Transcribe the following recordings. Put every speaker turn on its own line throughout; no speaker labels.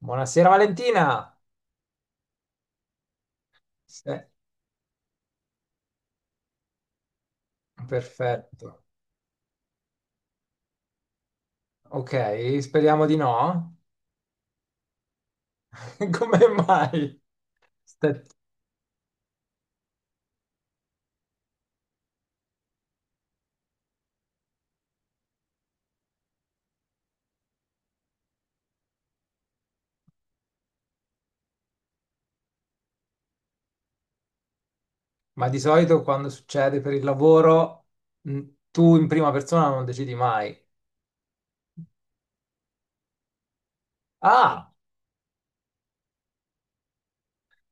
Buonasera Valentina. Se- Perfetto. Ok, speriamo di no. Come mai? Ste- Ma di solito quando succede per il lavoro, mh, tu in prima persona non decidi mai. Ah,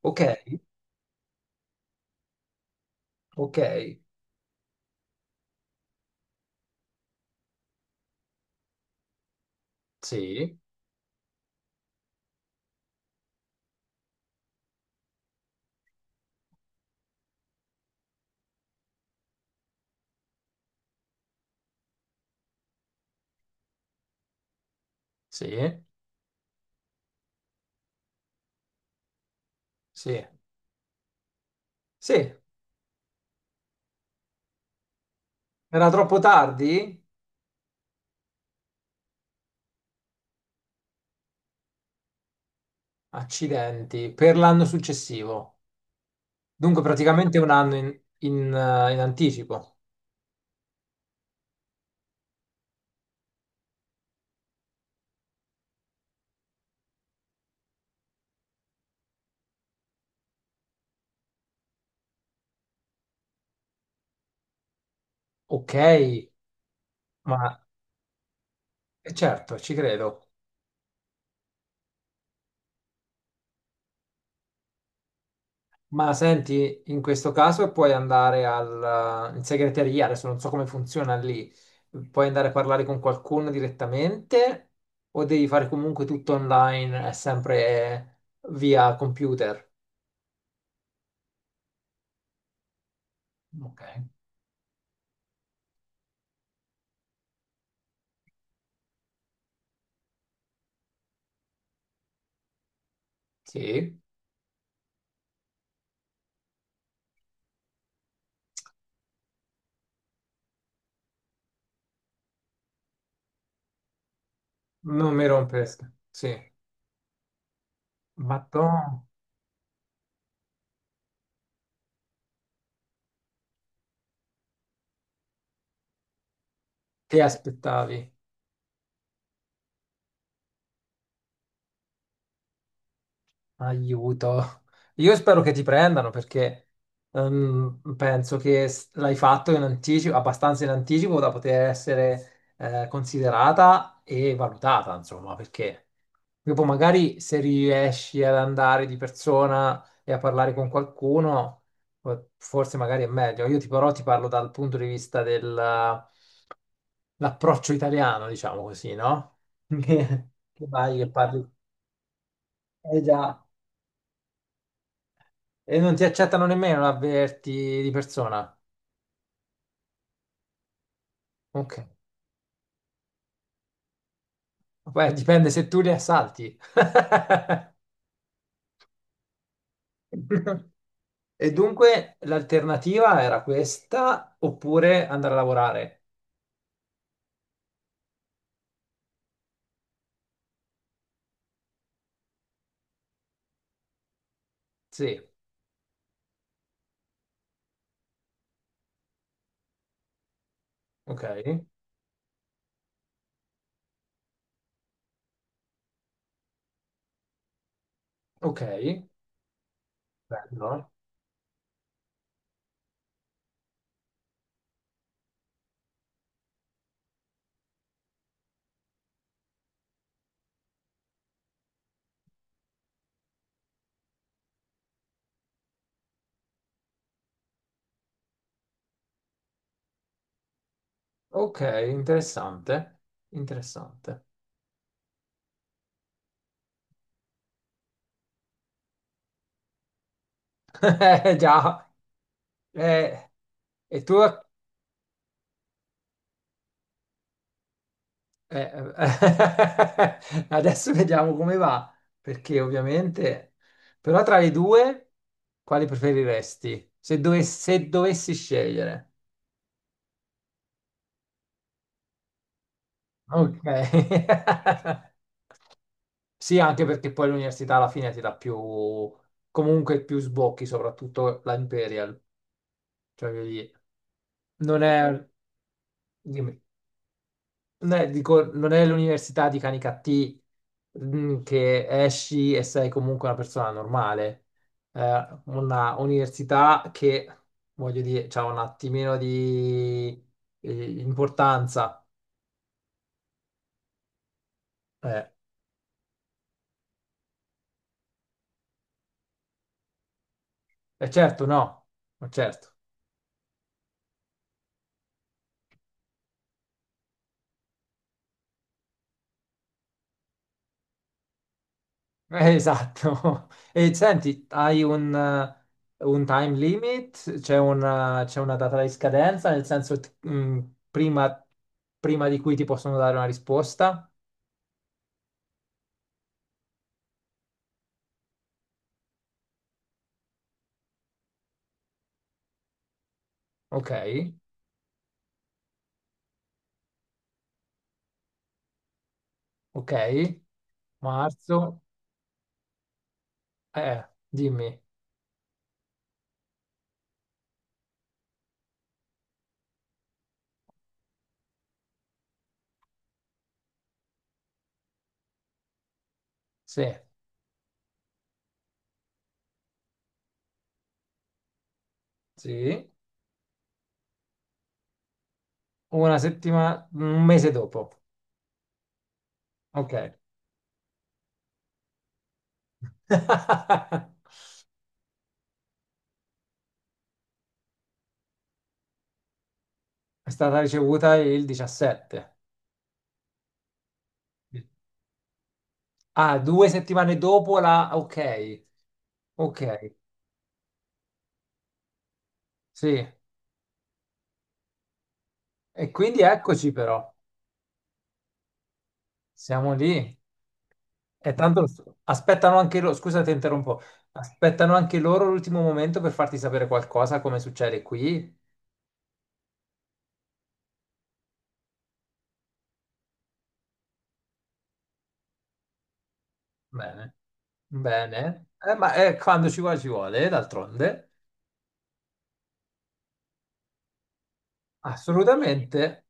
ok, ok. Sì, sì, sì, sì. Era troppo tardi? Accidenti, per l'anno successivo. Dunque praticamente un anno in anticipo. Ok, ma certo, ci credo. Ma senti, in questo caso puoi andare in segreteria, adesso non so come funziona lì, puoi andare a parlare con qualcuno direttamente o devi fare comunque tutto online, è sempre via computer? Ok. Sì, non mi rompesca. Sì, ma tu ti aspettavi? Aiuto. Io spero che ti prendano perché penso che l'hai fatto in anticipo, abbastanza in anticipo da poter essere considerata e valutata, insomma, perché dopo magari se riesci ad andare di persona e a parlare con qualcuno, forse magari è meglio. Però ti parlo dal punto di vista dell'approccio italiano, diciamo così, no? Che vai e parli. Eh già. E non ti accettano nemmeno l'avverti di persona. Ok. Beh, dipende se tu li assalti. E dunque l'alternativa era questa oppure andare a lavorare. Sì, ok, ok, bello. Ok, interessante, interessante. Già. Eh, e tu? Eh, eh, adesso vediamo come va, perché ovviamente, però tra le due, quali preferiresti? Se, se dovessi scegliere. Ok. Sì, anche perché poi l'università alla fine ti dà più, comunque più sbocchi, soprattutto la Imperial. Cioè, voglio dire, non è... dimmi. No, dico, non è l'università di Canicattì mm, che esci e sei comunque una persona normale. Una università che, voglio dire, ha un attimino di importanza. Eh, e certo, no, ma certo. Esatto. E senti, hai un time limit? C'è una data di scadenza, nel senso, mm, prima prima di cui ti possono dare una risposta? Ok. Ok, marzo, dimmi, sì, sì, una settimana, un mese dopo, ok. È stata ricevuta il 17. Ah, due settimane dopo la, ok, ok, sì. E quindi eccoci però, siamo lì. E tanto aspettano anche loro, scusa ti interrompo, aspettano anche loro l'ultimo momento per farti sapere qualcosa, come succede qui. Bene. Bene, eh, ma quando ci vuole, d'altronde. Assolutamente,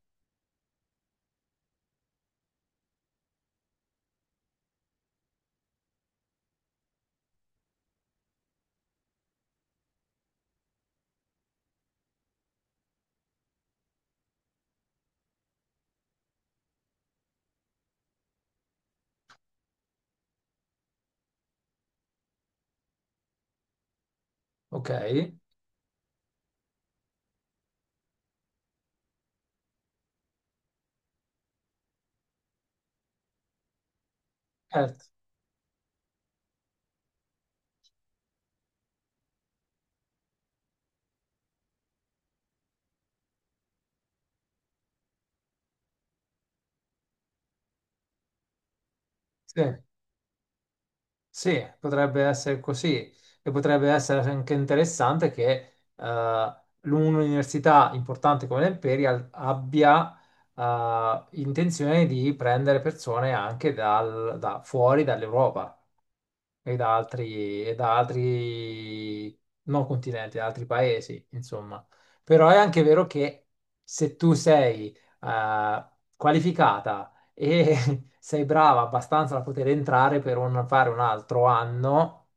ok, certo, sì, sì, potrebbe essere così e potrebbe essere anche interessante che un'università importante come l'Imperial abbia intenzione di prendere persone anche da fuori dall'Europa. E da altri, e da altri non continenti, da altri paesi, insomma. Però è anche vero che se tu sei qualificata e sei brava abbastanza da poter entrare per fare un altro anno,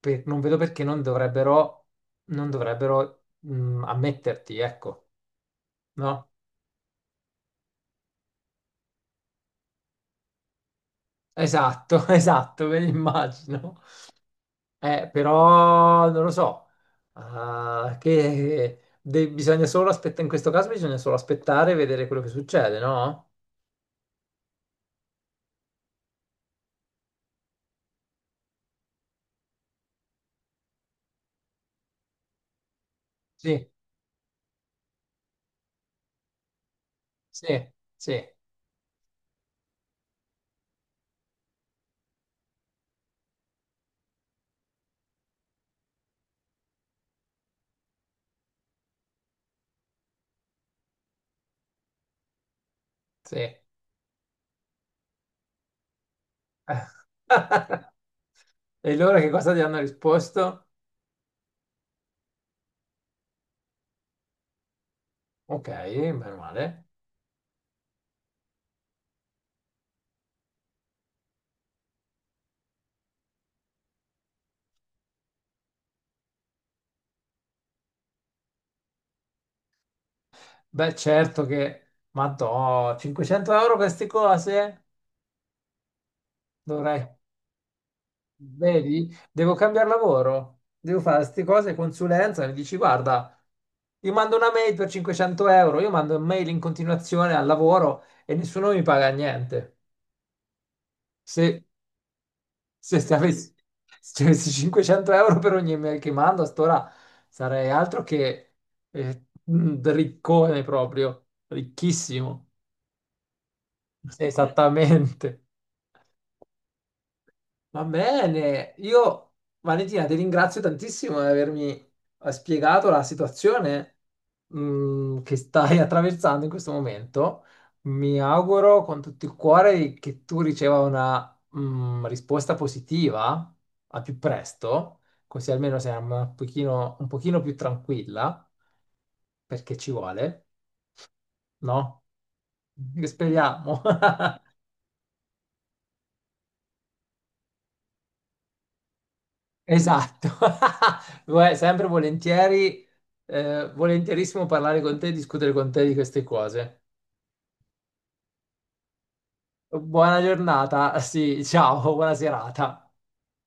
non vedo perché non dovrebbero, non dovrebbero mm, ammetterti, ecco, no? Esatto, esatto, me l'immagino. Però non lo so, ah, che bisogna solo aspettare, in questo caso bisogna solo aspettare e vedere quello che succede, no? Sì, sì, sì, sì. E loro che cosa ti hanno risposto? Ok, meno male. Beh, certo che, ma 500 euro queste cose? Dovrei. Vedi, devo cambiare lavoro, devo fare queste cose, consulenza, mi dici guarda, io mando una mail per 500 euro, io mando mail in continuazione al lavoro e nessuno mi paga niente. Se, se ti avessi, se ti avessi 500 euro per ogni mail che mando, a st'ora sarei altro che un riccone proprio, ricchissimo. Esattamente. Va bene, io Valentina ti ringrazio tantissimo di avermi spiegato la situazione mm, che stai attraversando in questo momento. Mi auguro con tutto il cuore che tu riceva una mm, risposta positiva al più presto, così almeno sei un pochino più tranquilla, perché ci vuole, no? Speriamo. Esatto, guarda, sempre volentieri, volentierissimo parlare con te e discutere con te di queste cose. Buona giornata, sì, ciao, buona serata.